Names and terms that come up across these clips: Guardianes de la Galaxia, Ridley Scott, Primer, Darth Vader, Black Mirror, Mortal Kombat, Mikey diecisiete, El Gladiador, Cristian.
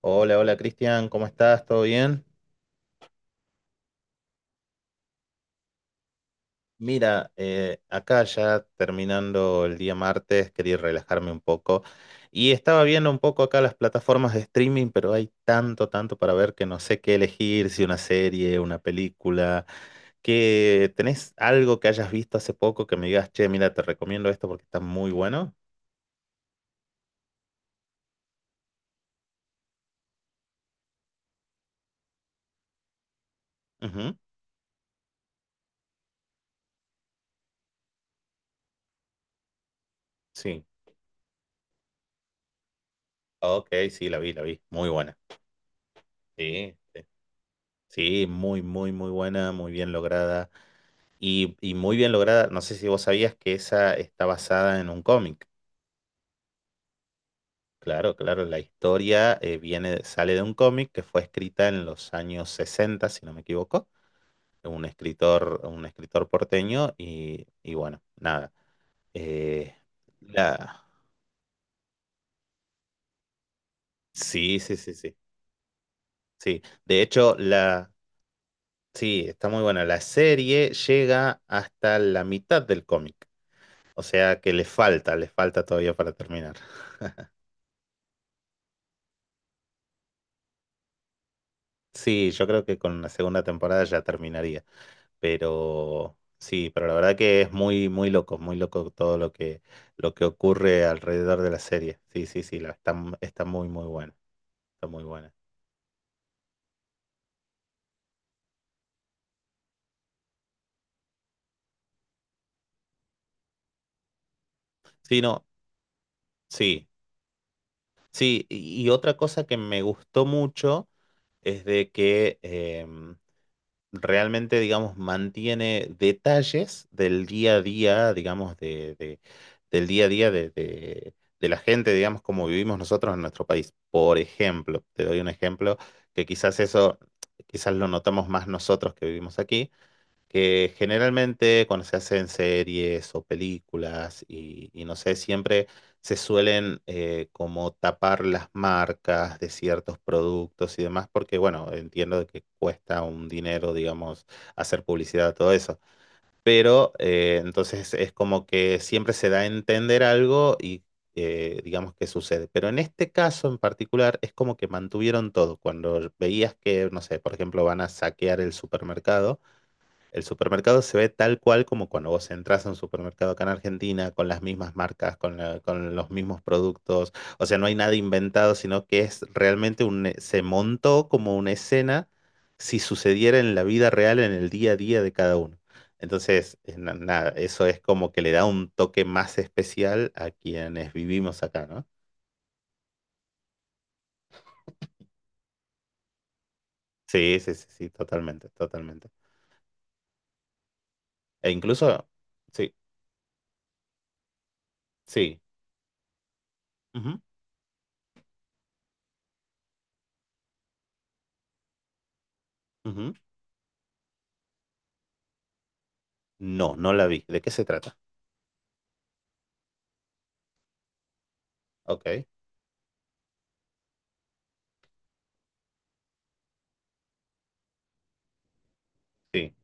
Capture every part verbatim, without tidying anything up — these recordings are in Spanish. Hola, hola Cristian, ¿cómo estás? ¿Todo bien? Mira, eh, acá ya terminando el día martes, quería relajarme un poco y estaba viendo un poco acá las plataformas de streaming, pero hay tanto, tanto para ver que no sé qué elegir, si una serie, una película, que tenés algo que hayas visto hace poco que me digas, che, mira, te recomiendo esto porque está muy bueno. Ujú. Sí, ok, sí, la vi, la vi, muy buena. Sí, sí. Sí, muy, muy, muy buena, muy bien lograda. Y, y muy bien lograda, no sé si vos sabías que esa está basada en un cómic. Claro, claro, la historia eh, viene, sale de un cómic que fue escrita en los años sesenta si no me equivoco, un escritor, un escritor porteño y, y bueno, nada. eh, la, sí, sí, sí, sí, sí. De hecho, la, sí, está muy buena. La serie llega hasta la mitad del cómic, o sea que le falta, le falta todavía para terminar. Sí, yo creo que con la segunda temporada ya terminaría, pero sí, pero la verdad que es muy, muy loco, muy loco todo lo que, lo que ocurre alrededor de la serie. Sí, sí, sí, la, está, m- está muy, muy buena, está muy buena. Sí, no, sí, sí, y, y otra cosa que me gustó mucho es de que, em, realmente, digamos, mantiene detalles del día a día, digamos, de, de- del día a día de, de- de la gente, digamos, como vivimos nosotros en nuestro país. Por ejemplo, te doy un ejemplo que quizás eso, quizás lo notamos más nosotros que vivimos aquí que generalmente cuando se hacen series o películas y, y no sé, siempre se suelen eh, como tapar las marcas de ciertos productos y demás, porque bueno, entiendo de que cuesta un dinero, digamos, hacer publicidad, todo eso. Pero eh, entonces es como que siempre se da a entender algo y eh, digamos que sucede. Pero en este caso en particular es como que mantuvieron todo. Cuando veías que, no sé, por ejemplo, van a saquear el supermercado. El supermercado se ve tal cual como cuando vos entras a un supermercado acá en Argentina, con las mismas marcas, con, la- con los mismos productos. O sea, no hay nada inventado, sino que es realmente un, eh, se montó como una escena si sucediera en la vida real, en el día a día de cada uno. Entonces, eh, na- nada, eso es como que le da un toque más especial a quienes vivimos acá, ¿no? Sí, sí, sí, sí, totalmente, totalmente. E incluso, sí, sí. Ujú, ujú. No, no la vi. ¿De qué se trata? Ok. Sí,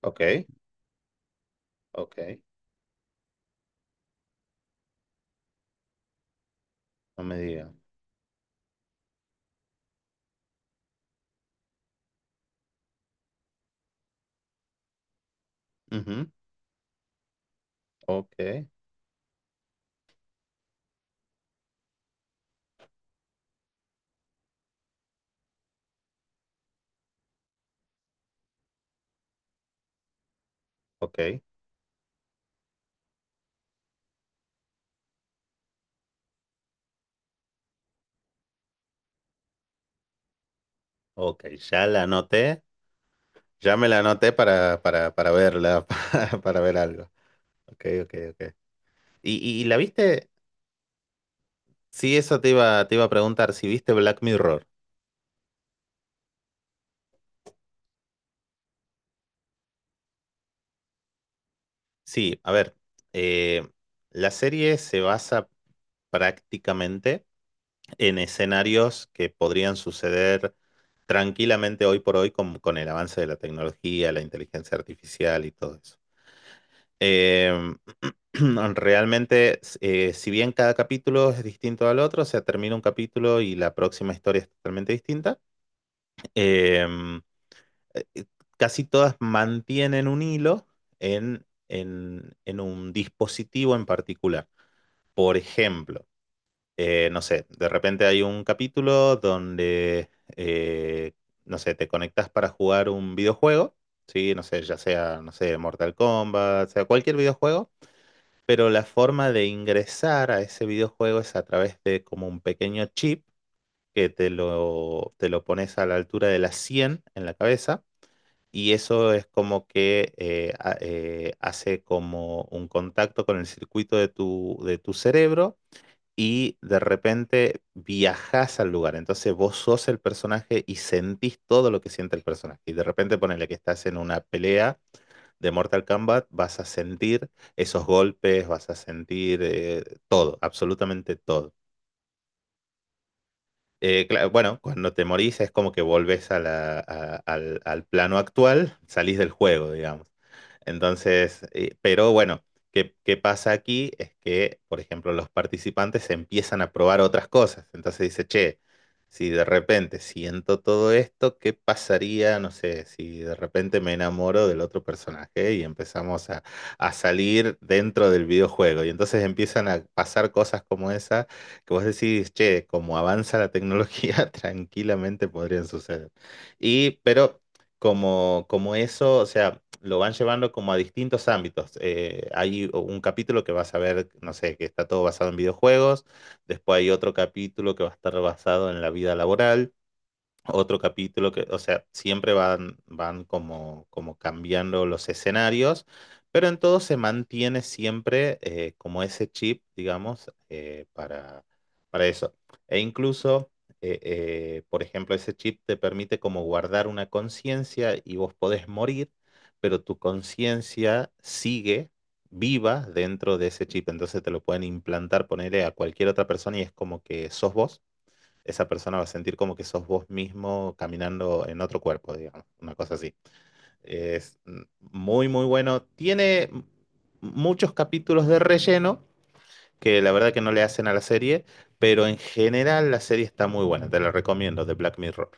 ok, ok, no me diga. Ujú. Ok, ok, ok, ya la anoté, ya me la anoté para, para, para verla, para, para ver algo. Ok, ok, ok. ¿Y, y, y la viste? Sí, eso te iba, te iba a preguntar, si viste Black Mirror. Sí, a ver, eh, la serie se basa prácticamente en escenarios que podrían suceder tranquilamente hoy por hoy con, con el avance de la tecnología, la inteligencia artificial y todo eso. Eh, realmente, eh, si bien cada capítulo es distinto al otro, o sea, termina un capítulo y la próxima historia es totalmente distinta, em, eh, eh, casi todas mantienen un hilo en, en, en un dispositivo en particular. Por ejemplo, eh, no sé, de repente hay un capítulo donde, eh, no sé, te conectas para jugar un videojuego, ¿sí? No sé, ya sea, no sé, Mortal Kombat, sea cualquier videojuego pero la forma de ingresar a ese videojuego es a través de como un pequeño chip que te lo, te lo pones a la altura de la cien en la cabeza y eso es como que eh, ha- eh, hace como un contacto con el circuito de tu, de tu cerebro y de repente viajas al lugar. Entonces vos sos el personaje y sentís todo lo que siente el personaje. Y de repente ponele que estás en una pelea de Mortal Kombat, vas a sentir esos golpes, vas a sentir eh, todo, absolutamente todo. Eh, claro, bueno, cuando te morís es como que volvés a la- a- al, al plano actual, salís del juego, digamos. Entonces, eh, pero bueno, ¿qué, qué pasa aquí? Es que, por ejemplo, los participantes empiezan a probar otras cosas. Entonces dice, che, si de repente siento todo esto, ¿qué pasaría? No sé, si de repente me enamoro del otro personaje y empezamos a, a salir dentro del videojuego. Y entonces empiezan a pasar cosas como esa que vos decís, che, como avanza la tecnología, tranquilamente podrían suceder. Y, pero como, como eso, o sea, lo van llevando como a distintos ámbitos. Eh, hay un capítulo que vas a ver, no sé, que está todo basado en videojuegos, después hay otro capítulo que va a estar basado en la vida laboral otro capítulo que, o sea, siempre van, van como, como cambiando los escenarios, pero en todo se mantiene siempre eh, como ese chip, digamos, eh, para, para eso. E incluso, eh, eh, por ejemplo, ese chip te permite como guardar una conciencia y vos podés morir, pero tu conciencia sigue viva dentro de ese chip, entonces te lo pueden implantar, ponerle a cualquier otra persona y es como que sos vos esa persona va a sentir como que sos vos mismo caminando en otro cuerpo, digamos, una cosa así. Es mm, muy, muy bueno. Tiene muchos capítulos de relleno que la verdad que no le hacen a la serie, pero en general la serie está muy buena, te la recomiendo, de Black Mirror.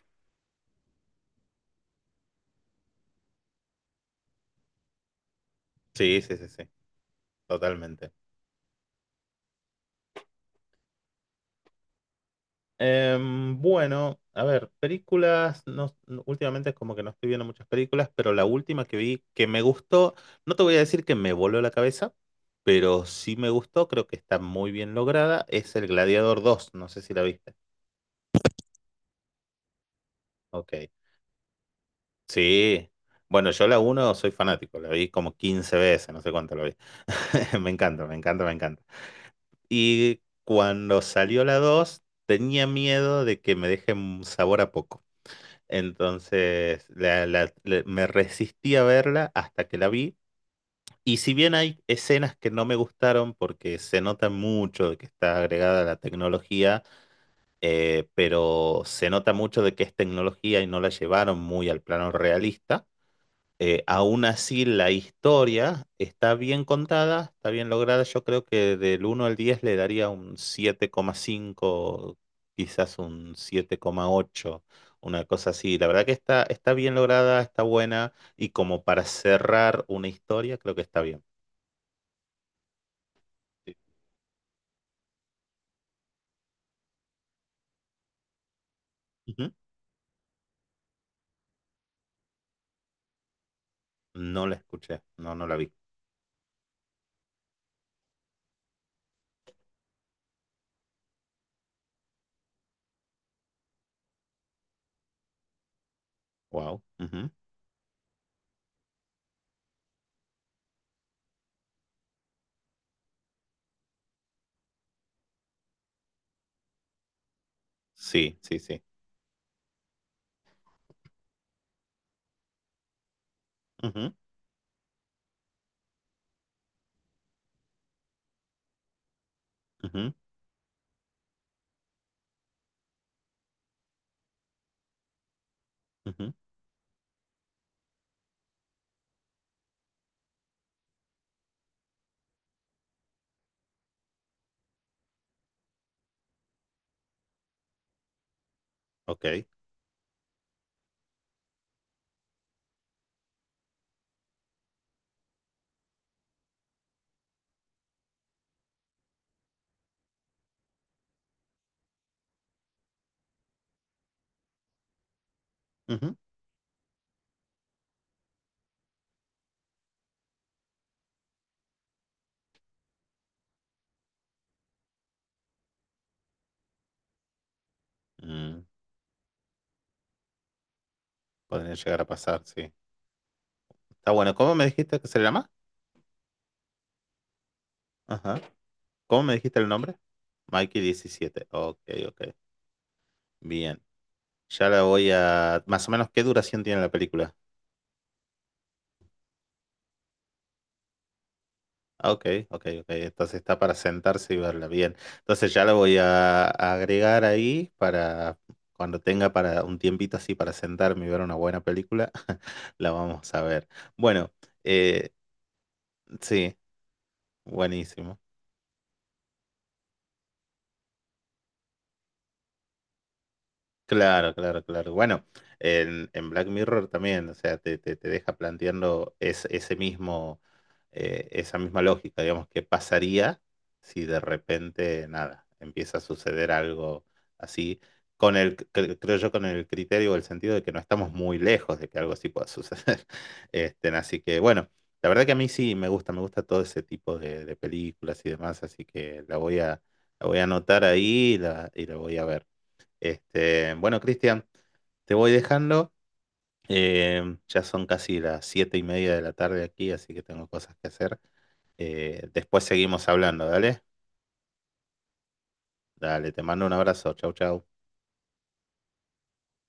Sí, sí, sí, sí, totalmente. Em, bueno, a ver, películas, no, no- últimamente es como que no estoy viendo muchas películas, pero la última que vi que me gustó, no te voy a decir que me voló la cabeza, pero sí me gustó, creo que está muy bien lograda, es El Gladiador dos. No sé si la viste. Ok, sí. Bueno, yo la uno soy fanático, la vi como quince veces, no sé cuánto la vi. Me encanta, me encanta, me encanta. Y cuando salió la dos, tenía miedo de que me deje un sabor a poco. Entonces la- la- la- me resistí a verla hasta que la vi. Y si bien hay escenas que no me gustaron porque se nota mucho de que está agregada la tecnología, eh, pero se nota mucho de que es tecnología y no la llevaron muy al plano realista eh, aún así la historia está bien contada, está bien lograda. Yo creo que del uno al diez le daría un siete coma cinco, quizás un siete coma ocho, una cosa así. La verdad que está, está bien lograda, está buena y como para cerrar una historia, creo que está bien. Sí. Ujú. No la escuché, no, no la vi. Wow. Ujú. Sí, sí, sí. Ujú, ujú, ujú. Ok. Ujú. Mm, Podría llegar a pasar, sí. Está bueno. ¿Cómo me dijiste que se llama? Ajá. ¿Cómo me dijiste el nombre? Mikey diecisiete. Ok, ok. Bien. Ya la voy a... Más o menos, ¿qué duración tiene la película? Ah, ok, ok, ok. Entonces está para sentarse y verla. Bien. Entonces ya la voy a a agregar ahí para cuando tenga para un tiempito así para sentarme y ver una buena película, la vamos a ver. Bueno, eh, sí, buenísimo. Claro, claro, claro. Bueno, en, en Black Mirror también, o sea, te, te, te deja planteando es- ese mismo, eh, esa misma lógica, digamos, qué pasaría si de repente, nada, empieza a suceder algo así, con el, cre- creo yo, con el criterio o el sentido de que no estamos muy lejos de que algo así pueda suceder. Este, así que, bueno, la verdad que a mí sí me gusta, me gusta todo ese tipo de, de películas y demás, así que la voy a, la voy a anotar ahí y la, y la voy a ver. Este, bueno, Cristian, te voy dejando. Eh, ya son casi las siete y media de la tarde aquí, así que tengo cosas que hacer. Eh, después seguimos hablando, ¿dale? Dale, te mando un abrazo. Chau, chau.